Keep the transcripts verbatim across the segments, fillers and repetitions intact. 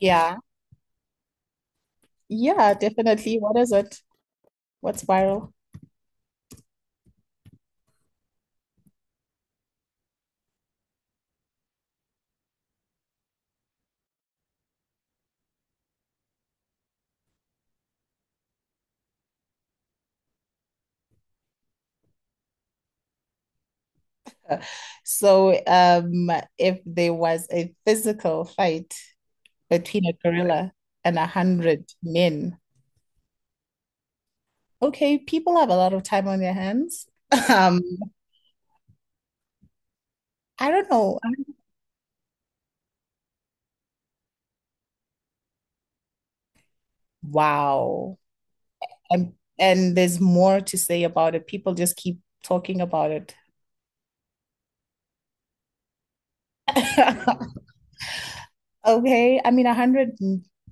Yeah, yeah, definitely. What is it? What's viral? So, um, if there was a physical fight between a gorilla and a hundred men, okay, people have a lot of time on their hands. Um, I don't know. Wow. And and there's more to say about it. People just keep talking about it. Okay, I mean, one hundred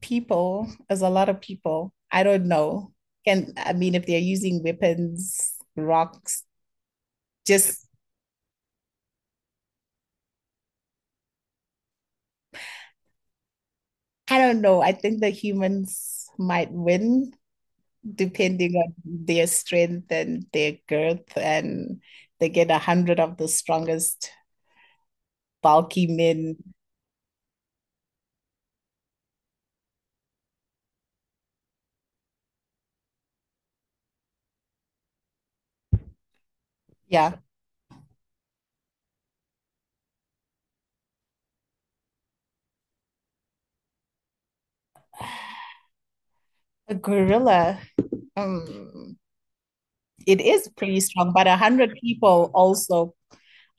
people is a lot of people. I don't know. Can I mean, if they're using weapons, rocks, just— I don't know. I think the humans might win depending on their strength and their girth, and they get a hundred of the strongest bulky men. Yeah, a gorilla. Um, it is pretty strong, but a hundred people also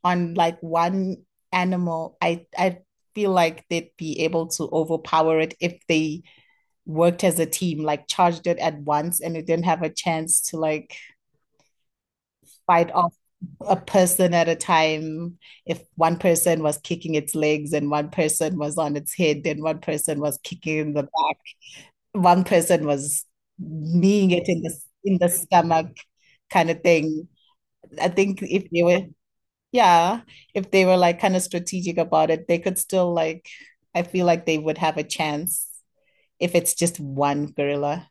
on like one animal, I I feel like they'd be able to overpower it if they worked as a team, like charged it at once and it didn't have a chance to like fight off a person at a time. If one person was kicking its legs and one person was on its head and one person was kicking in the back, one person was kneeing it in the in the stomach kind of thing. I think if they were— yeah, if they were like kind of strategic about it, they could still like, I feel like they would have a chance if it's just one gorilla.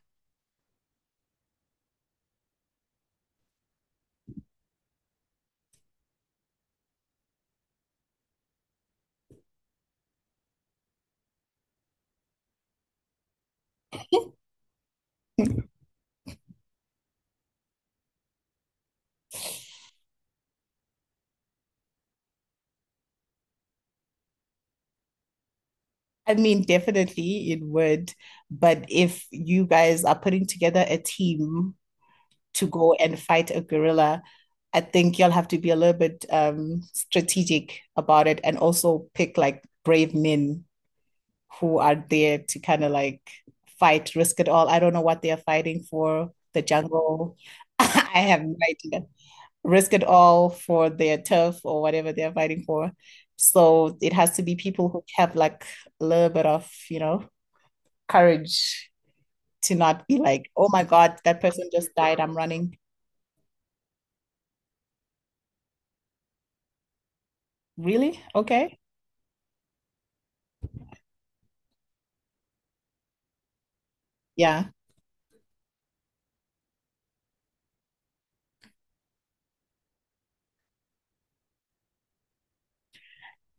I mean, definitely it would. But if you guys are putting together a team to go and fight a gorilla, I think you'll have to be a little bit um, strategic about it and also pick like brave men who are there to kind of like fight, risk it all. I don't know what they are fighting for, the jungle. I have no idea. Risk it all for their turf or whatever they are fighting for. So it has to be people who have like a little bit of, you know, courage to not be like, oh my God, that person just died. I'm running. Really? Okay. Yeah.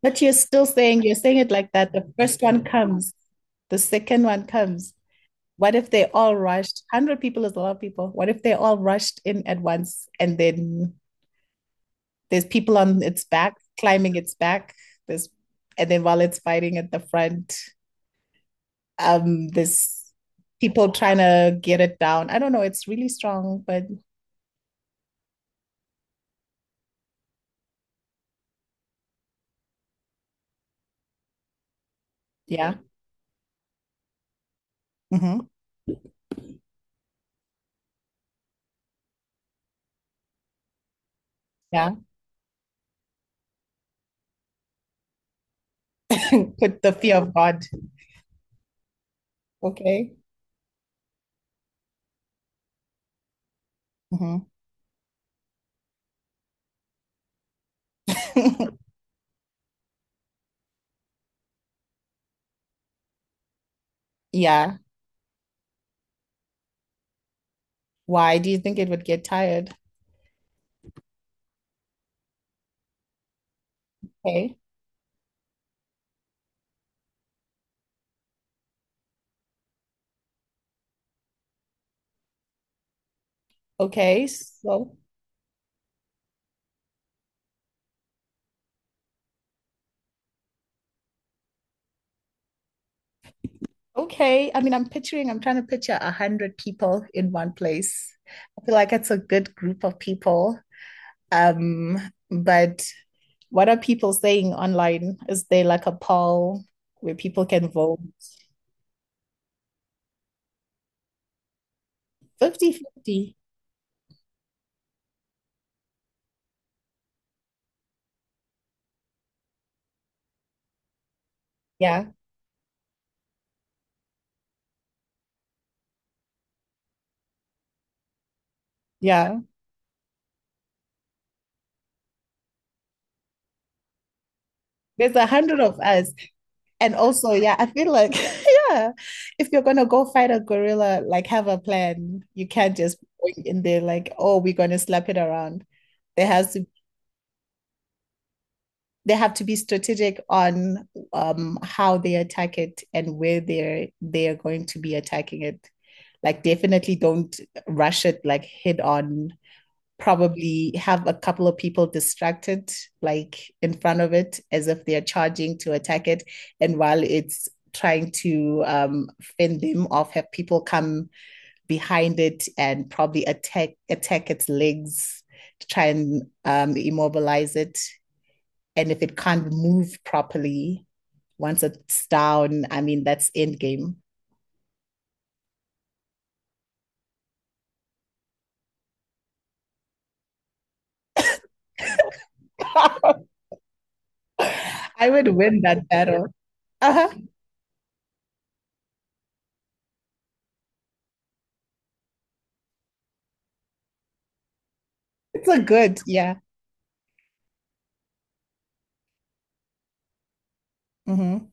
But you're still saying, you're saying it like that. The first one comes, the second one comes. What if they all rushed? one hundred people is a lot of people. What if they all rushed in at once and then there's people on its back, climbing its back, there's and then while it's fighting at the front, um, there's people trying to get it down. I don't know, it's really strong, but yeah. Mm-hmm. Yeah. Put the fear of God. Okay. Mm-hmm. yeah. Why do you think it would get tired? Okay. Okay. So. Okay. I mean, I'm picturing, I'm trying to picture a hundred people in one place. I feel like it's a good group of people. Um, but what are people saying online? Is there like a poll where people can vote? Fifty-fifty. Yeah. Yeah. There's a hundred of us. And also, yeah, I feel like, yeah, if you're gonna go fight a gorilla, like have a plan. You can't just go in there like, oh, we're gonna slap it around. There has to They have to be strategic on um, how they attack it and where they're they are going to be attacking it. Like definitely don't rush it like head on. Probably have a couple of people distracted, like in front of it, as if they are charging to attack it. And while it's trying to um, fend them off, have people come behind it and probably attack attack its legs to try and um, immobilize it, and if it can't move properly, once it's down, I mean, that's end game. I would win that battle. Uh-huh. It's a good, yeah. Mm-hmm.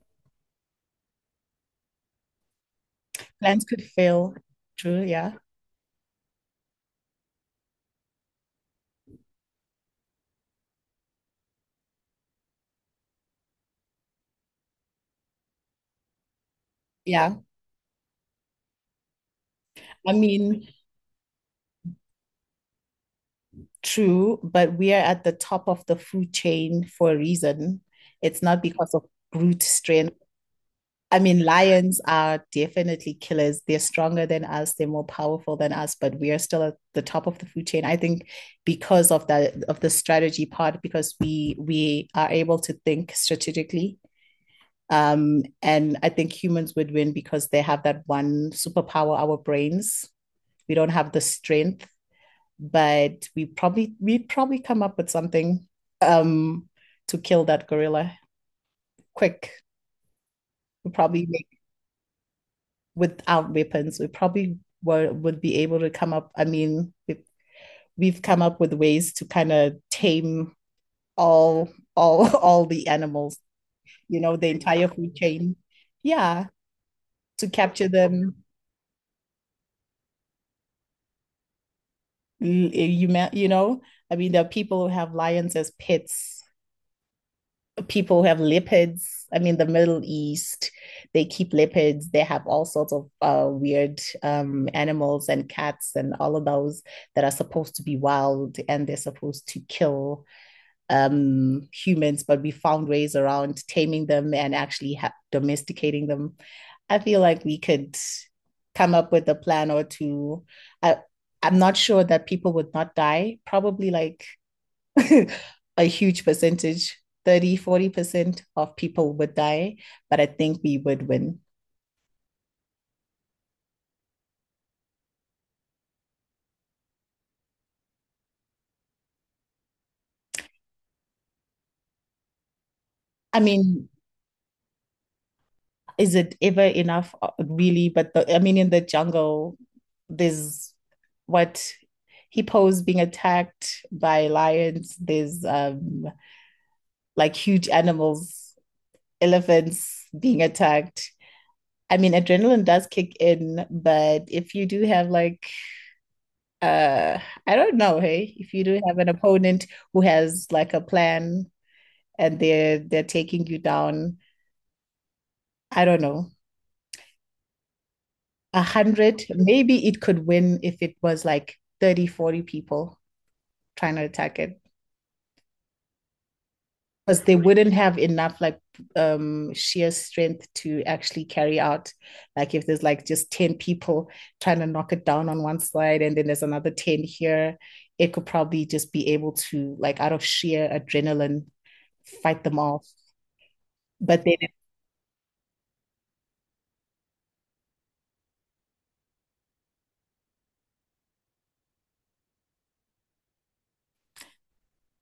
Plans could fail. True, yeah. Yeah. I mean, true, but we are at the top of the food chain for a reason. It's not because of brute strength. I mean, lions are definitely killers. They're stronger than us, they're more powerful than us, but we are still at the top of the food chain. I think because of that, of the strategy part, because we we are able to think strategically. Um, and I think humans would win because they have that one superpower, our brains. We don't have the strength, but we probably we probably come up with something um to kill that gorilla quick. We probably— without weapons, we probably were, would be able to come up. I mean, we— we've come up with ways to kind of tame all all all the animals. You know, the entire food chain. Yeah, to capture them. You you know, I mean, there are people who have lions as pets. People have leopards. I mean, the Middle East, they keep leopards. They have all sorts of uh, weird um, animals and cats and all of those that are supposed to be wild and they're supposed to kill um, humans. But we found ways around taming them and actually ha- domesticating them. I feel like we could come up with a plan or two. I, I'm not sure that people would not die. Probably like a huge percentage, thirty, forty percent of people would die, but I think we would win. I mean, is it ever enough? Uh, really, but the, I mean, in the jungle there's— what, hippos being attacked by lions, there's um like huge animals, elephants being attacked. I mean, adrenaline does kick in, but if you do have like— Uh, I don't know, hey, if you do have an opponent who has like a plan and they're they're taking you down, I don't know, a hundred, maybe it could win if it was like thirty, forty people trying to attack it. Because they wouldn't have enough like um sheer strength to actually carry out. Like if there's like just ten people trying to knock it down on one side and then there's another ten here, it could probably just be able to like out of sheer adrenaline fight them off. But then,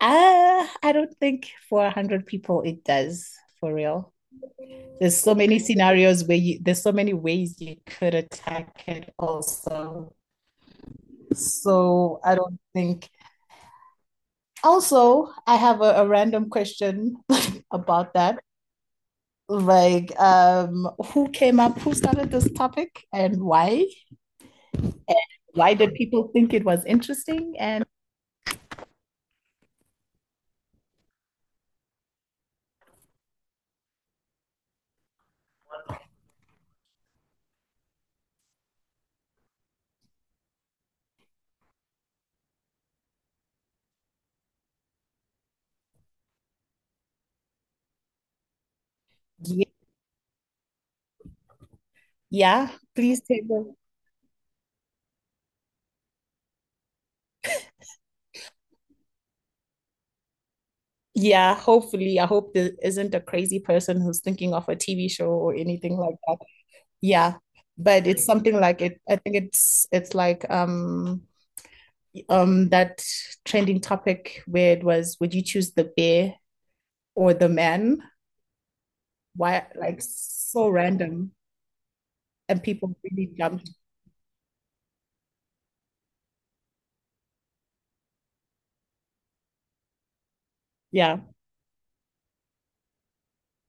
uh, I don't think for a hundred people it does, for real. There's so many scenarios where you— there's so many ways you could attack it also. So I don't think. Also, I have a, a random question about that. Like, um, who came up, who started this topic, and why? And why did people think it was interesting? And yeah, please tell. Yeah, hopefully. I hope there isn't a crazy person who's thinking of a T V show or anything like that. Yeah. But it's something like it. I think it's it's like um um that trending topic where it was, would you choose the bear or the man? Why like so random, and people really jumped. Yeah.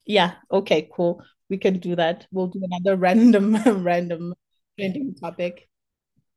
Yeah. Okay, cool. We can do that. We'll do another random random trending topic.